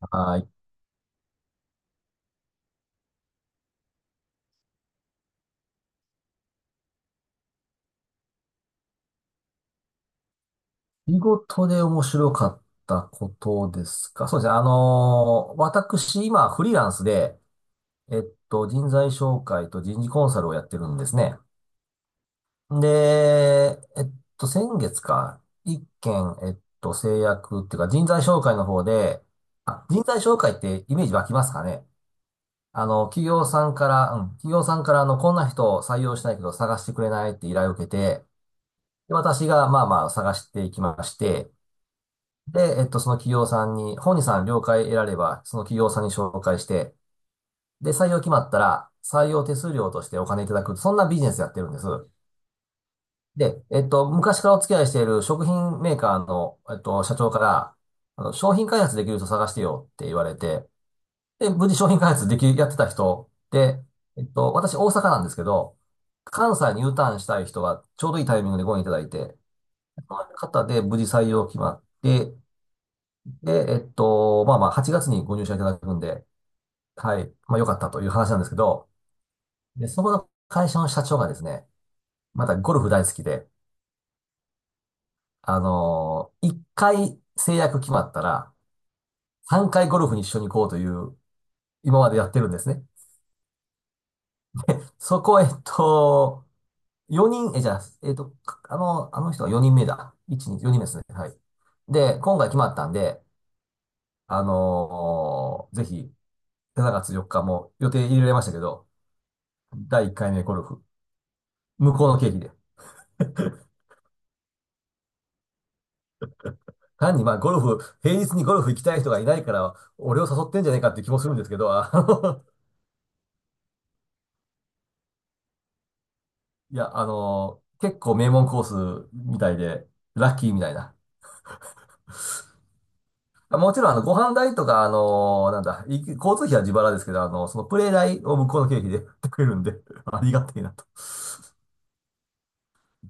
はい。仕事で面白かったことですか？そうですね。私、今、フリーランスで、えっ人材紹介と人事コンサルをやってるんですね。で、先月か、一件、制約っていうか、人材紹介の方で、あ、人材紹介ってイメージ湧きますかね？あの、企業さんから、企業さんからあの、こんな人を採用したいけど探してくれないって依頼を受けて、で私がまあまあ探していきまして、で、その企業さんに、本人さん了解得られば、その企業さんに紹介して、で、採用決まったら、採用手数料としてお金いただく、そんなビジネスやってるんです。で、昔からお付き合いしている食品メーカーの、社長から、あの、商品開発できる人探してよって言われて、で、無事商品開発でき、やってた人で、私大阪なんですけど、関西に U ターンしたい人がちょうどいいタイミングでご縁いただいて、その方で無事採用決まって、で、まあまあ、8月にご入社いただくんで、はい、まあ良かったという話なんですけど、で、そこの会社の社長がですね、またゴルフ大好きで、1回制約決まったら、3回ゴルフに一緒に行こうという、今までやってるんですね。そこ、4人、え、じゃあ、えっと、かあの、あの人は4人目だ。1、2、4人目ですね。はい。で、今回決まったんで、ぜひ、7月4日も予定入れられましたけど、第1回目ゴルフ。向こうの経費で。単にまあゴルフ、平日にゴルフ行きたい人がいないから、俺を誘ってんじゃねえかって気もするんですけど、あの、 いや、あの、結構名門コースみたいで、ラッキーみたいな。もちろん、あの、ご飯代とか、あの、なんだ、い交通費は自腹ですけど、あの、そのプレー代を向こうの経費で やってくれるんで、ありがてえなと。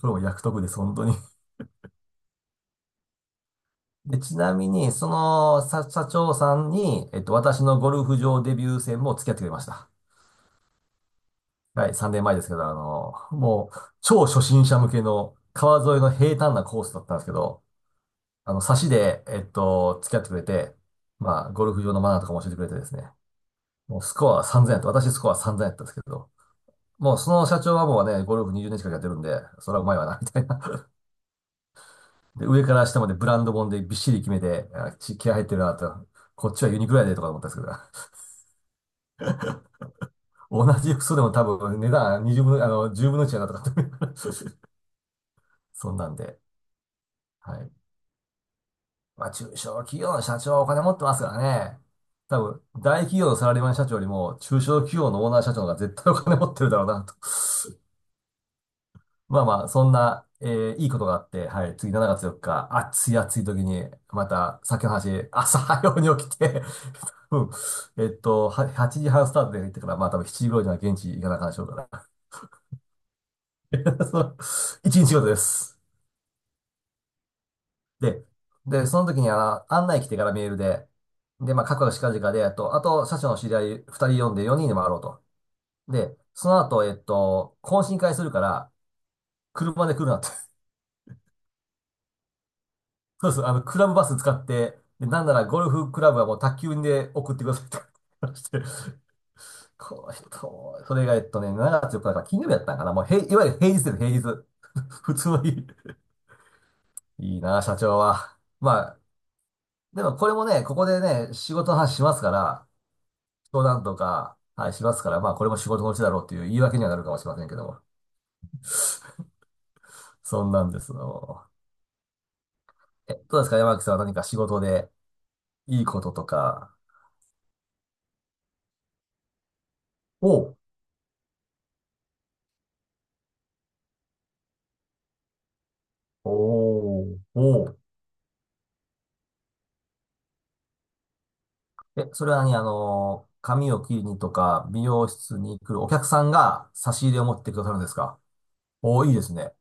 これも約束です、本当に。で、ちなみに、その、さ社長さんに、私のゴルフ場デビュー戦も付き合ってくれました。はい、3年前ですけど、あの、もう、超初心者向けの川沿いの平坦なコースだったんですけど、あの、差しで、付き合ってくれて、まあ、ゴルフ場のマナーとかも教えてくれてですね、もうスコアは3000やった。私スコア3000やったんですけど、もうその社長はもうね、ゴルフ20年近くやってるんで、それはうまいわな、みたいな。で、上から下までブランド本でびっしり決めて、あち気合入ってるなと、こっちはユニクロやでとか思ったんですけど、同じ服装でも多分値段20分、あの、じゅう0分の1やなとかって そんなんで、はい。まあ、中小企業の社長はお金持ってますからね。多分、大企業のサラリーマン社長よりも、中小企業のオーナー社長の方が絶対お金持ってるだろうなと。まあまあ、そんな、いいことがあって、はい、次7月4日、暑い暑い時に、また、さっきの話、朝早うに起きて、うん、は8時半スタートで行ってから、まあ多分7時頃には現地行かなあかんでしょうから。そう、一日仕事です。で、で、その時にあの、案内来てからメールで、で、まあ、かくかくしかじかで、あと、社長の知り合い2人呼んで4人で回ろうと。で、その後、懇親会するから、車で来るなって。そうそう、あの、クラブバス使って、で、なんならゴルフクラブはもう宅急便で送ってくださいと。してこの人、それが、7月4だから金曜日だったんかな。もう、へい、いわゆる平日です、平日。普通の日。いいなあ、社長は。まあ、でもこれもね、ここでね、仕事の話しますから、相談とか、はい、しますから、まあ、これも仕事のうちだろうという言い訳にはなるかもしれませんけども。そんなんですの。え、どうですか、山木さんは何か仕事でいいこととか。おうおう、おう、え、それはね、あの、髪を切りにとか、美容室に来るお客さんが差し入れを持ってくださるんですか？おー、いいですね。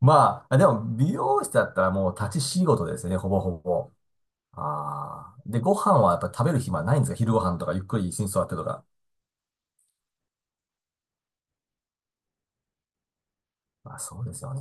まあ、でも、美容室だったらもう立ち仕事ですね、ほぼほぼ。ああ。で、ご飯はやっぱ食べる暇ないんですか？昼ご飯とかゆっくり椅子に座ってとか。まあ、そうですよね。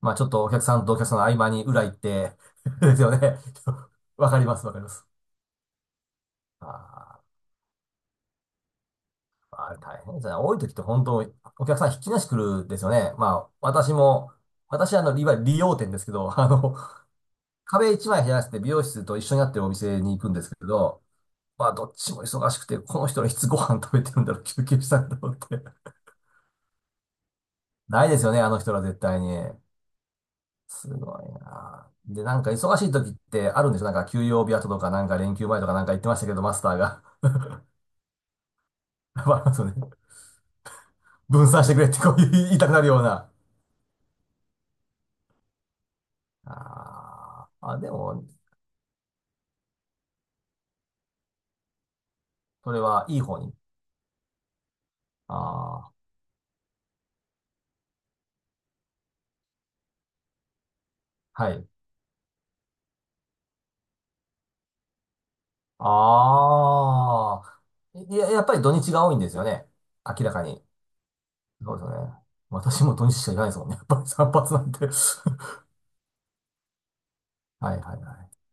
まあちょっとお客さんとお客さんの合間に裏行って ですよね。わかります、わかります。あー、あれ大変ですね。多い時って本当、お客さんひっきりなし来るんですよね。まあ私も、私あの、いわゆる理容店ですけど、あの、壁一枚減らして美容室と一緒になってるお店に行くんですけど、まあどっちも忙しくて、この人らいつご飯食べてるんだろう、休憩したんだろうって。ないですよね、あの人ら絶対に。すごいな。で、なんか忙しい時ってあるんですよ。なんか休養日後とか、なんか連休前とかなんか言ってましたけど、マスターが。まあ、そうね。分散してくれってこう言いたくなるような。あーあ、でも、それはいい方に。ああ、はい。ああ、いや、やっぱり土日が多いんですよね。明らかに。そうですよね。私も土日しか行かないですもんね。やっぱり散髪なんて。 はいはいはい。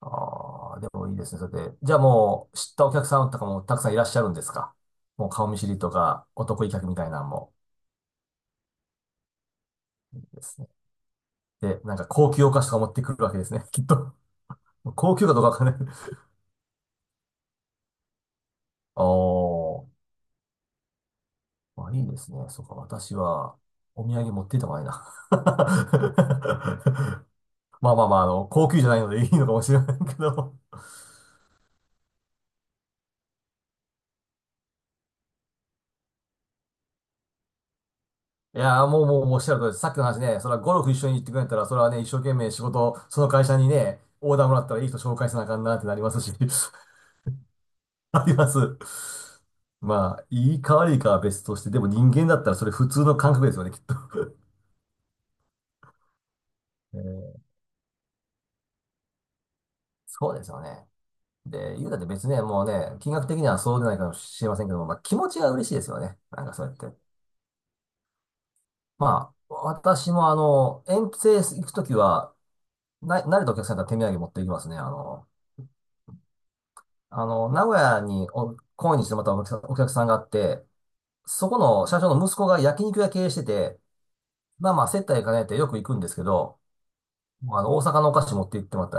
ああ、でもいいですね。それで。じゃあもう、知ったお客さんとかもたくさんいらっしゃるんですか？もう顔見知りとか、お得意客みたいなのも。ですね。で、なんか高級お菓子とか持ってくるわけですね。きっと。高級かどうかわかんない。おー、まあ、いいですね。そうか、私は、お土産持っていった方がいいな。まあまあまあ、あの、高級じゃないのでいいのかもしれないけど。いやー、もうおっしゃる通りです。さっきの話ね、それはゴルフ一緒に行ってくれたら、それはね、一生懸命仕事、その会社にね、オーダーもらったらいい人紹介せなあかんなってなりますし、あります。まあ、いいか悪いかは別として、でも人間だったらそれ普通の感覚ですよね、きっと。えーそうですよね。で、言うたって別にね、もうね、金額的にはそうでないかもしれませんけども、まあ、気持ちが嬉しいですよね。なんかそうやって。まあ、私もあの、遠征行くときは、な、慣れたお客さんだったら手土産持って行きますね。あの、あの、名古屋にお、懇にしてまたお客さん、お客さんがあって、そこの社長の息子が焼肉屋経営してて、まあまあ接待兼ねてよく行くんですけど、あの、大阪のお菓子持って行ってもらった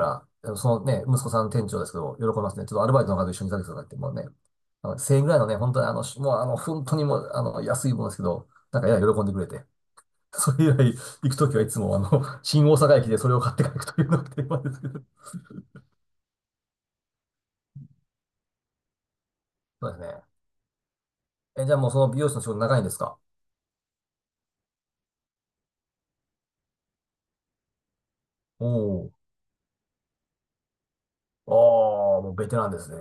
ら、そのね、息子さん店長ですけど、喜びますね。ちょっとアルバイトの方と一緒に行かせてくださいって、もうね、あの1000円ぐらいのね、本当にあの、しもうあの、本当にもう、あの、安いものですけど、なんかやや喜んでくれて。それ以来、行くときはいつもあの、新大阪駅でそれを買って帰るというのが定番ですけど。そうですね。え、じゃあもうその美容師の仕事長いんですか？おお。ああ、もうベテランですね。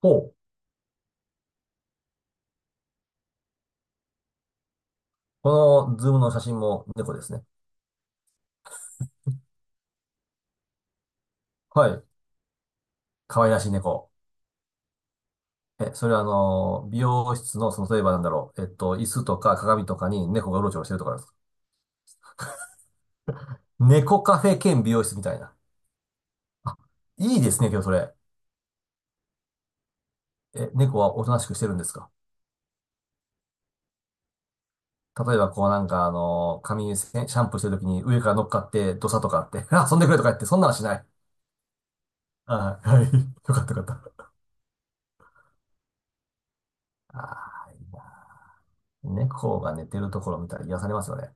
ほう。このズームの写真も猫ですね。はい。可愛らしい猫。え、それはあの、美容室の、その、例えばなんだろう。椅子とか鏡とかに猫がうろちょろしてるとかですか？猫カフェ兼美容室みたいな。いいですね、今日それ。え、猫はおとなしくしてるんですか？例えば、こうなんか、あの、髪シャンプーしてるときに上から乗っかって、ドサとかあって、あ遊んでくれとか言って、そんなのしない。はい、はい。よかった、よかった。ああ、いいな。猫が寝てるところ見たら癒されますよね。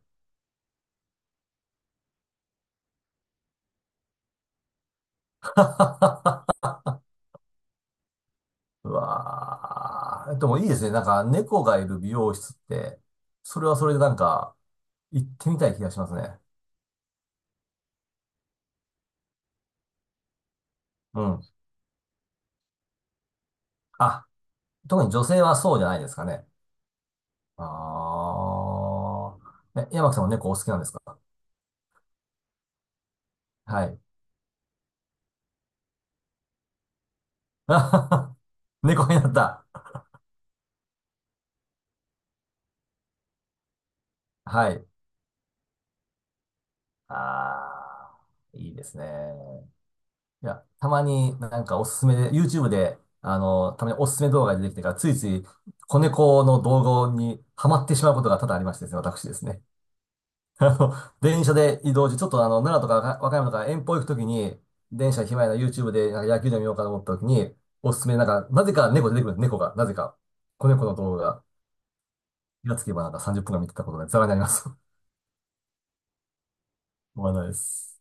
うわあ、でもいいですね。なんか、猫がいる美容室って、それはそれでなんか、行ってみたい気がしますね。うん。あ、特に女性はそうじゃないですかね。ああ。え、山木さんも猫お好きなんですか？はい。あはは、猫になった。はい。あー、いいですね。いや、たまになんかおすすめで、YouTube で、あの、たまにおすすめ動画が出てきてから、ついつい子猫の動画にハマってしまうことが多々ありましてですね、私ですね。あの、電車で移動中、ちょっとあの、奈良とか和歌山とか遠方行くときに、電車暇やな YouTube でなんか野球でも見ようかと思ったときに、おすすめなんか、なぜか猫出てくるんです、猫が。なぜか。子猫の動画が。気がつけばなんか30分間見てたことがざらになります。思わないです。